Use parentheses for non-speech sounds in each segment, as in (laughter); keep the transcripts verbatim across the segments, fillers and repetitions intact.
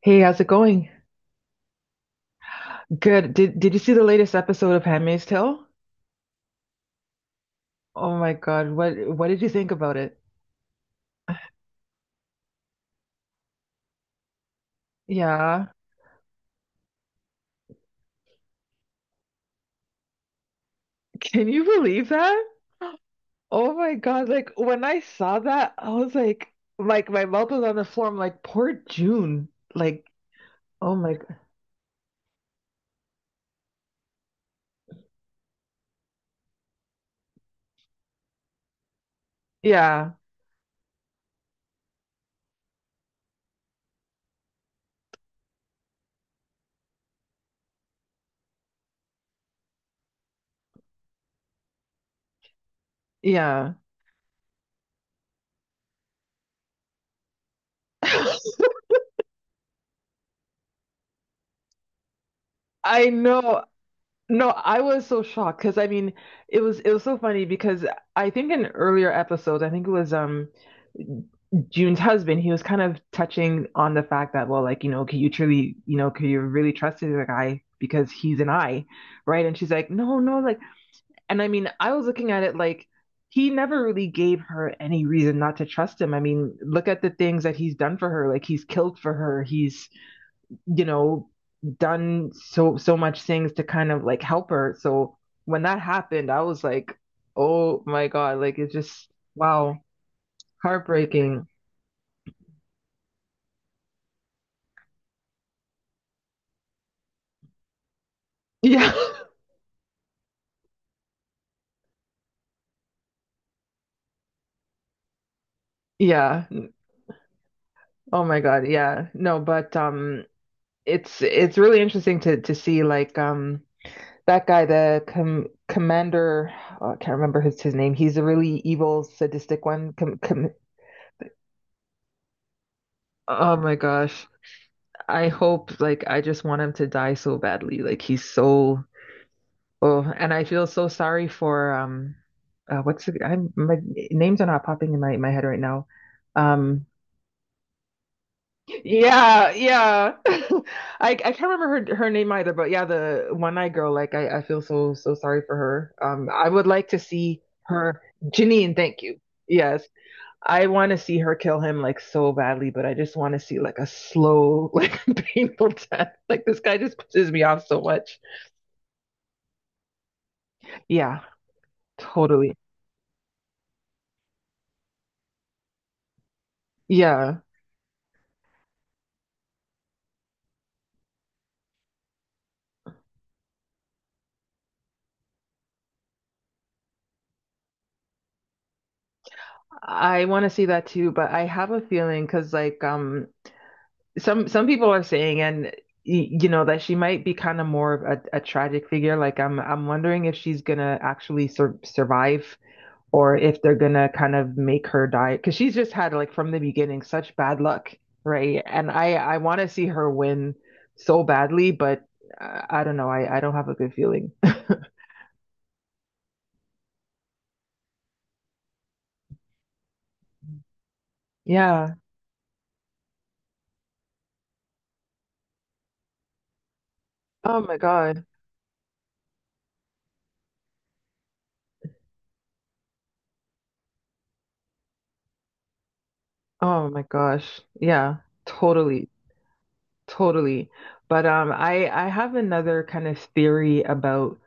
Hey, how's it going? Good. Did did you see the latest episode of Handmaid's Tale? Oh my God, what what did you think about it? Yeah. (laughs) Can you believe that? Oh my God, like when I saw that, I was like like my mouth was on the floor. I'm like, poor June. Like, oh my God. Yeah. Yeah. (laughs) I know. No, I was so shocked because I mean, it was it was so funny because I think in earlier episodes, I think it was um June's husband, he was kind of touching on the fact that, well, like, you know, can you truly, you know, can you really trust the guy because he's an eye, right? And she's like, no, no, like, and I mean, I was looking at it like he never really gave her any reason not to trust him. I mean, look at the things that he's done for her. Like, he's killed for her. He's, you know, done so so much things to kind of like help her. So when that happened, I was like, oh my God, like it's just wow, heartbreaking. Yeah. (laughs) Yeah. Oh my God. Yeah. No, but um it's it's really interesting to to see like um that guy, the com commander, oh, I can't remember his his name. He's a really evil, sadistic one. Com com oh my gosh. I hope like I just want him to die so badly. Like he's so oh, and I feel so sorry for um, uh, what's the, I'm my names are not popping in my my head right now. Um, yeah, yeah. (laughs) I I can't remember her her name either, but yeah, the one-eyed girl. Like I I feel so so sorry for her. Um, I would like to see her, Janine. Thank you. Yes, I want to see her kill him like so badly, but I just want to see like a slow, (laughs) like painful death. Like this guy just pisses me off so much. Yeah, totally. Yeah. I want to see that too, but I have a feeling because like um some some people are saying and y- you know that she might be kind of more of a, a tragic figure. Like I'm I'm wondering if she's gonna actually sur survive or if they're gonna kind of make her die because she's just had like from the beginning such bad luck, right? And I I want to see her win so badly, but uh, I don't know. I I don't have a good feeling. (laughs) Yeah. Oh my God. Oh my gosh. Yeah. Totally. Totally. But um I I have another kind of theory about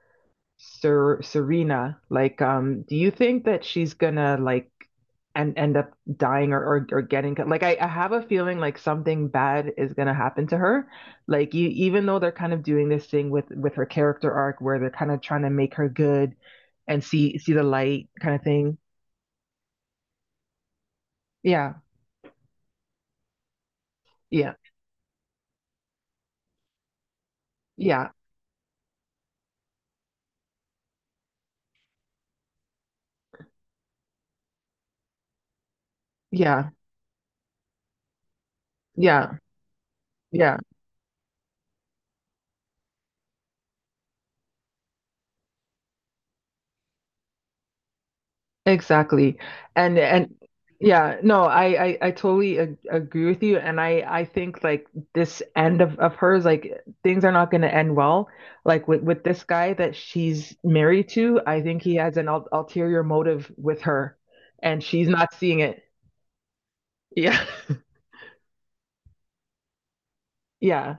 Ser Serena. Like um do you think that she's gonna like and end up dying or or, or getting like I, I have a feeling like something bad is gonna happen to her. Like you even though they're kind of doing this thing with with her character arc where they're kind of trying to make her good and see see the light kind of thing. Yeah. Yeah. Yeah. Yeah. Yeah. Yeah. Exactly. And and yeah, no, I I, I totally ag agree with you and I I think like this end of of hers like things are not going to end well. Like with with this guy that she's married to, I think he has an ul ulterior motive with her and she's not seeing it. Yeah. (laughs) Yeah.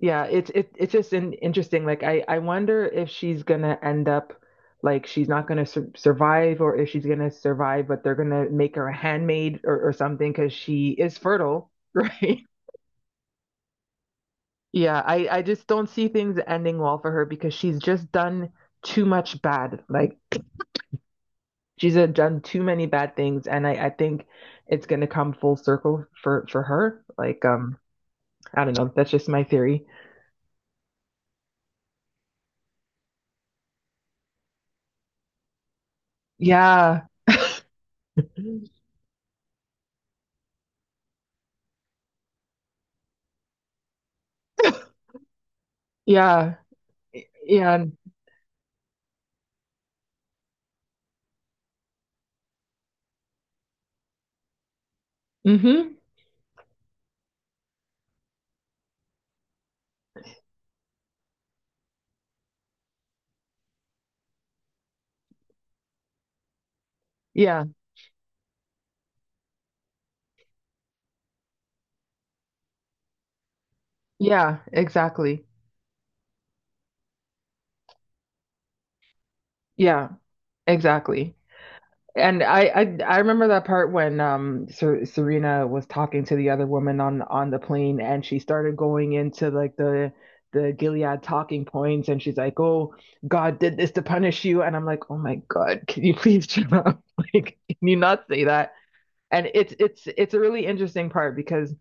Yeah, it's it, it's just an interesting. Like I I wonder if she's gonna end up like she's not gonna sur survive, or if she's gonna survive, but they're gonna make her a handmaid or or something because she is fertile, (laughs) right? Yeah, I I just don't see things ending well for her because she's just done too much bad. Like she's uh, done too many bad things, and I I think it's gonna come full circle for for her. Like um I don't know, that's just my theory. Yeah, yeah, yeah. hmm Yeah, yeah, exactly. Yeah, exactly. And I, I I remember that part when um Ser Serena was talking to the other woman on on the plane and she started going into like the the Gilead talking points and she's like, "Oh, God did this to punish you." And I'm like, "Oh my God, can you (laughs) please shut up? (laughs) Like, can you not say that?" And it's it's it's a really interesting part because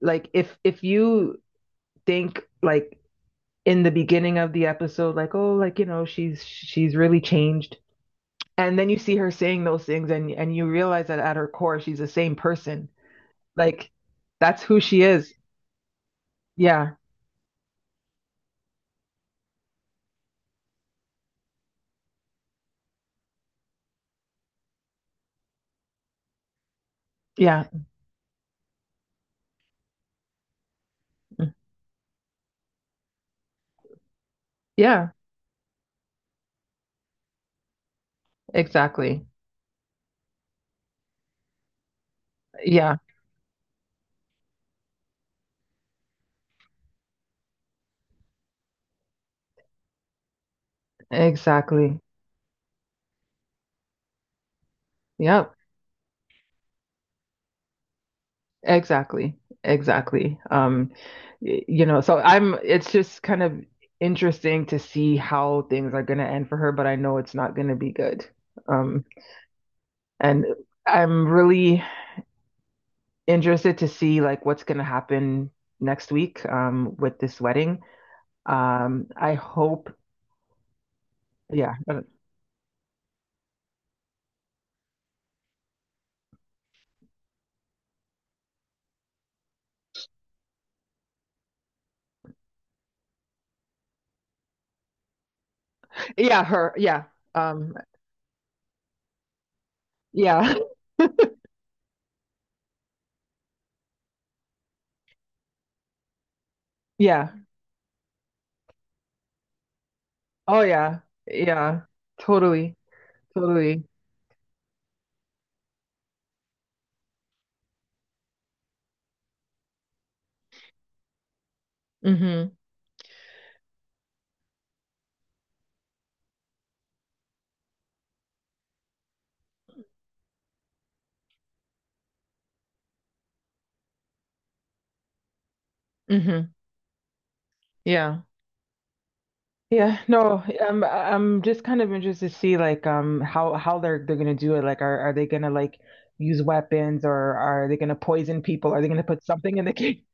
like if if you think like in the beginning of the episode like oh like you know she's she's really changed and then you see her saying those things and and you realize that at her core she's the same person like that's who she is yeah yeah yeah exactly yeah exactly yeah exactly exactly um y- you know so I'm it's just kind of interesting to see how things are going to end for her but I know it's not going to be good um and I'm really interested to see like what's going to happen next week, um, with this wedding. Um, I hope, yeah, yeah, her, yeah, um, yeah, (laughs) yeah, oh yeah, yeah, totally, totally. Hmm hmm Yeah. Yeah, no, um, I- I'm just kind of interested to see like um how how they're they're gonna do it. Like, are are they gonna like use weapons or are they gonna poison people? Are they gonna put something in the (laughs) cake?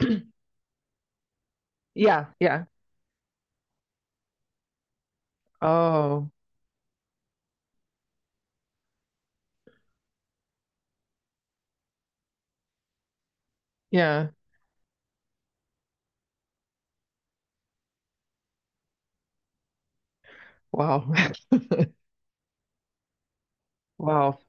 (clears throat) Yeah, yeah. Oh, yeah. Wow. (laughs) Wow.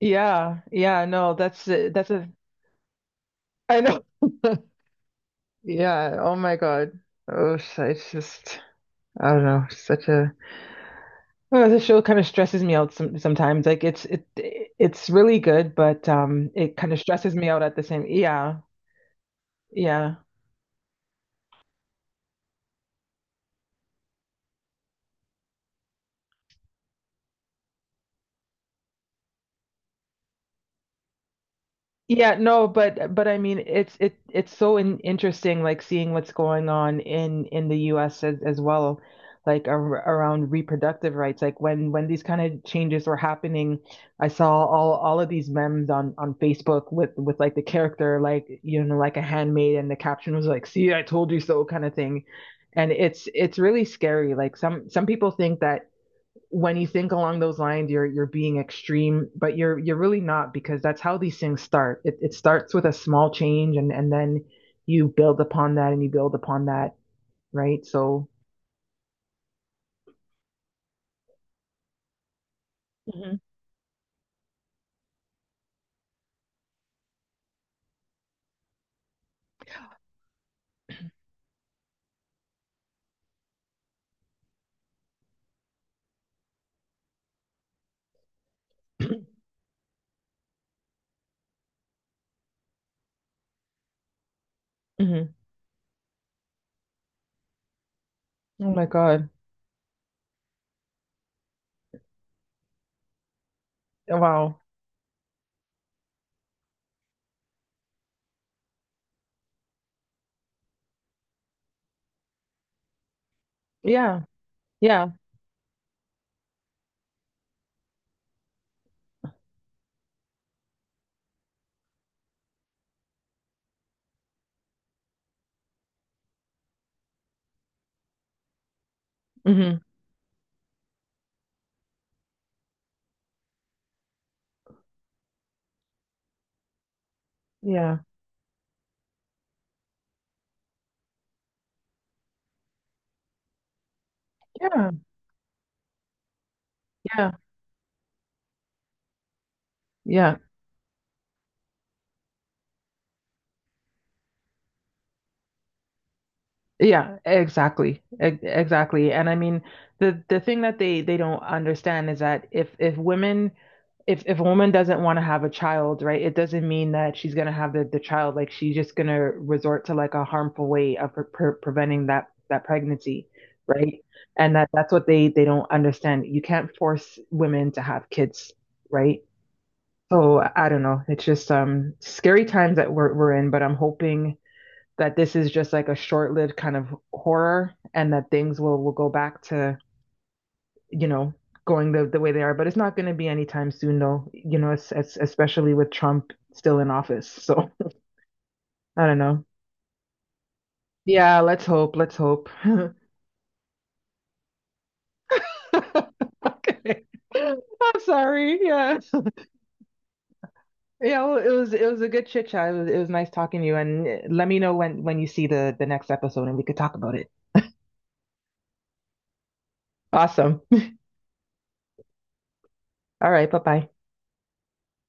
Yeah. Yeah. No, that's a- that's a I know. (laughs) Yeah. Oh my God. Oh, sh- it's just I don't know. Such a oh, the show kind of stresses me out some, sometimes. Like it's it it's really good, but um, it kind of stresses me out at the same. Yeah. Yeah. Yeah, no, but but I mean it's it it's so in, interesting like seeing what's going on in in the U S as, as well like ar around reproductive rights like when when these kind of changes were happening I saw all all of these memes on on Facebook with with like the character like you know like a handmaid and the caption was like see I told you so kind of thing and it's it's really scary like some some people think that when you think along those lines you're you're being extreme but you're you're really not because that's how these things start it, it starts with a small change and and then you build upon that and you build upon that right so mm-hmm. (clears throat) Mm-hmm. oh my god wow yeah yeah mm-hmm. yeah yeah yeah yeah Yeah, exactly. E- Exactly. And I mean, the the thing that they they don't understand is that if if women if if a woman doesn't want to have a child, right, it doesn't mean that she's gonna have the the child. Like she's just gonna resort to like a harmful way of pre pre preventing that that pregnancy, right? And that that's what they they don't understand. You can't force women to have kids, right? So I don't know. It's just um scary times that we're we're in, but I'm hoping that this is just like a short-lived kind of horror and that things will will go back to, you know, going the, the way they are, but it's not going to be anytime soon though, you know, it's, it's, especially with Trump still in office. So, I don't know. Yeah, let's hope, let's hope. (laughs) Okay. I'm sorry. Yeah. Yeah, well, it was it was a good chit chat. It was, it was nice talking to you and let me know when when you see the the next episode and we could talk about it. Awesome. All right, bye-bye.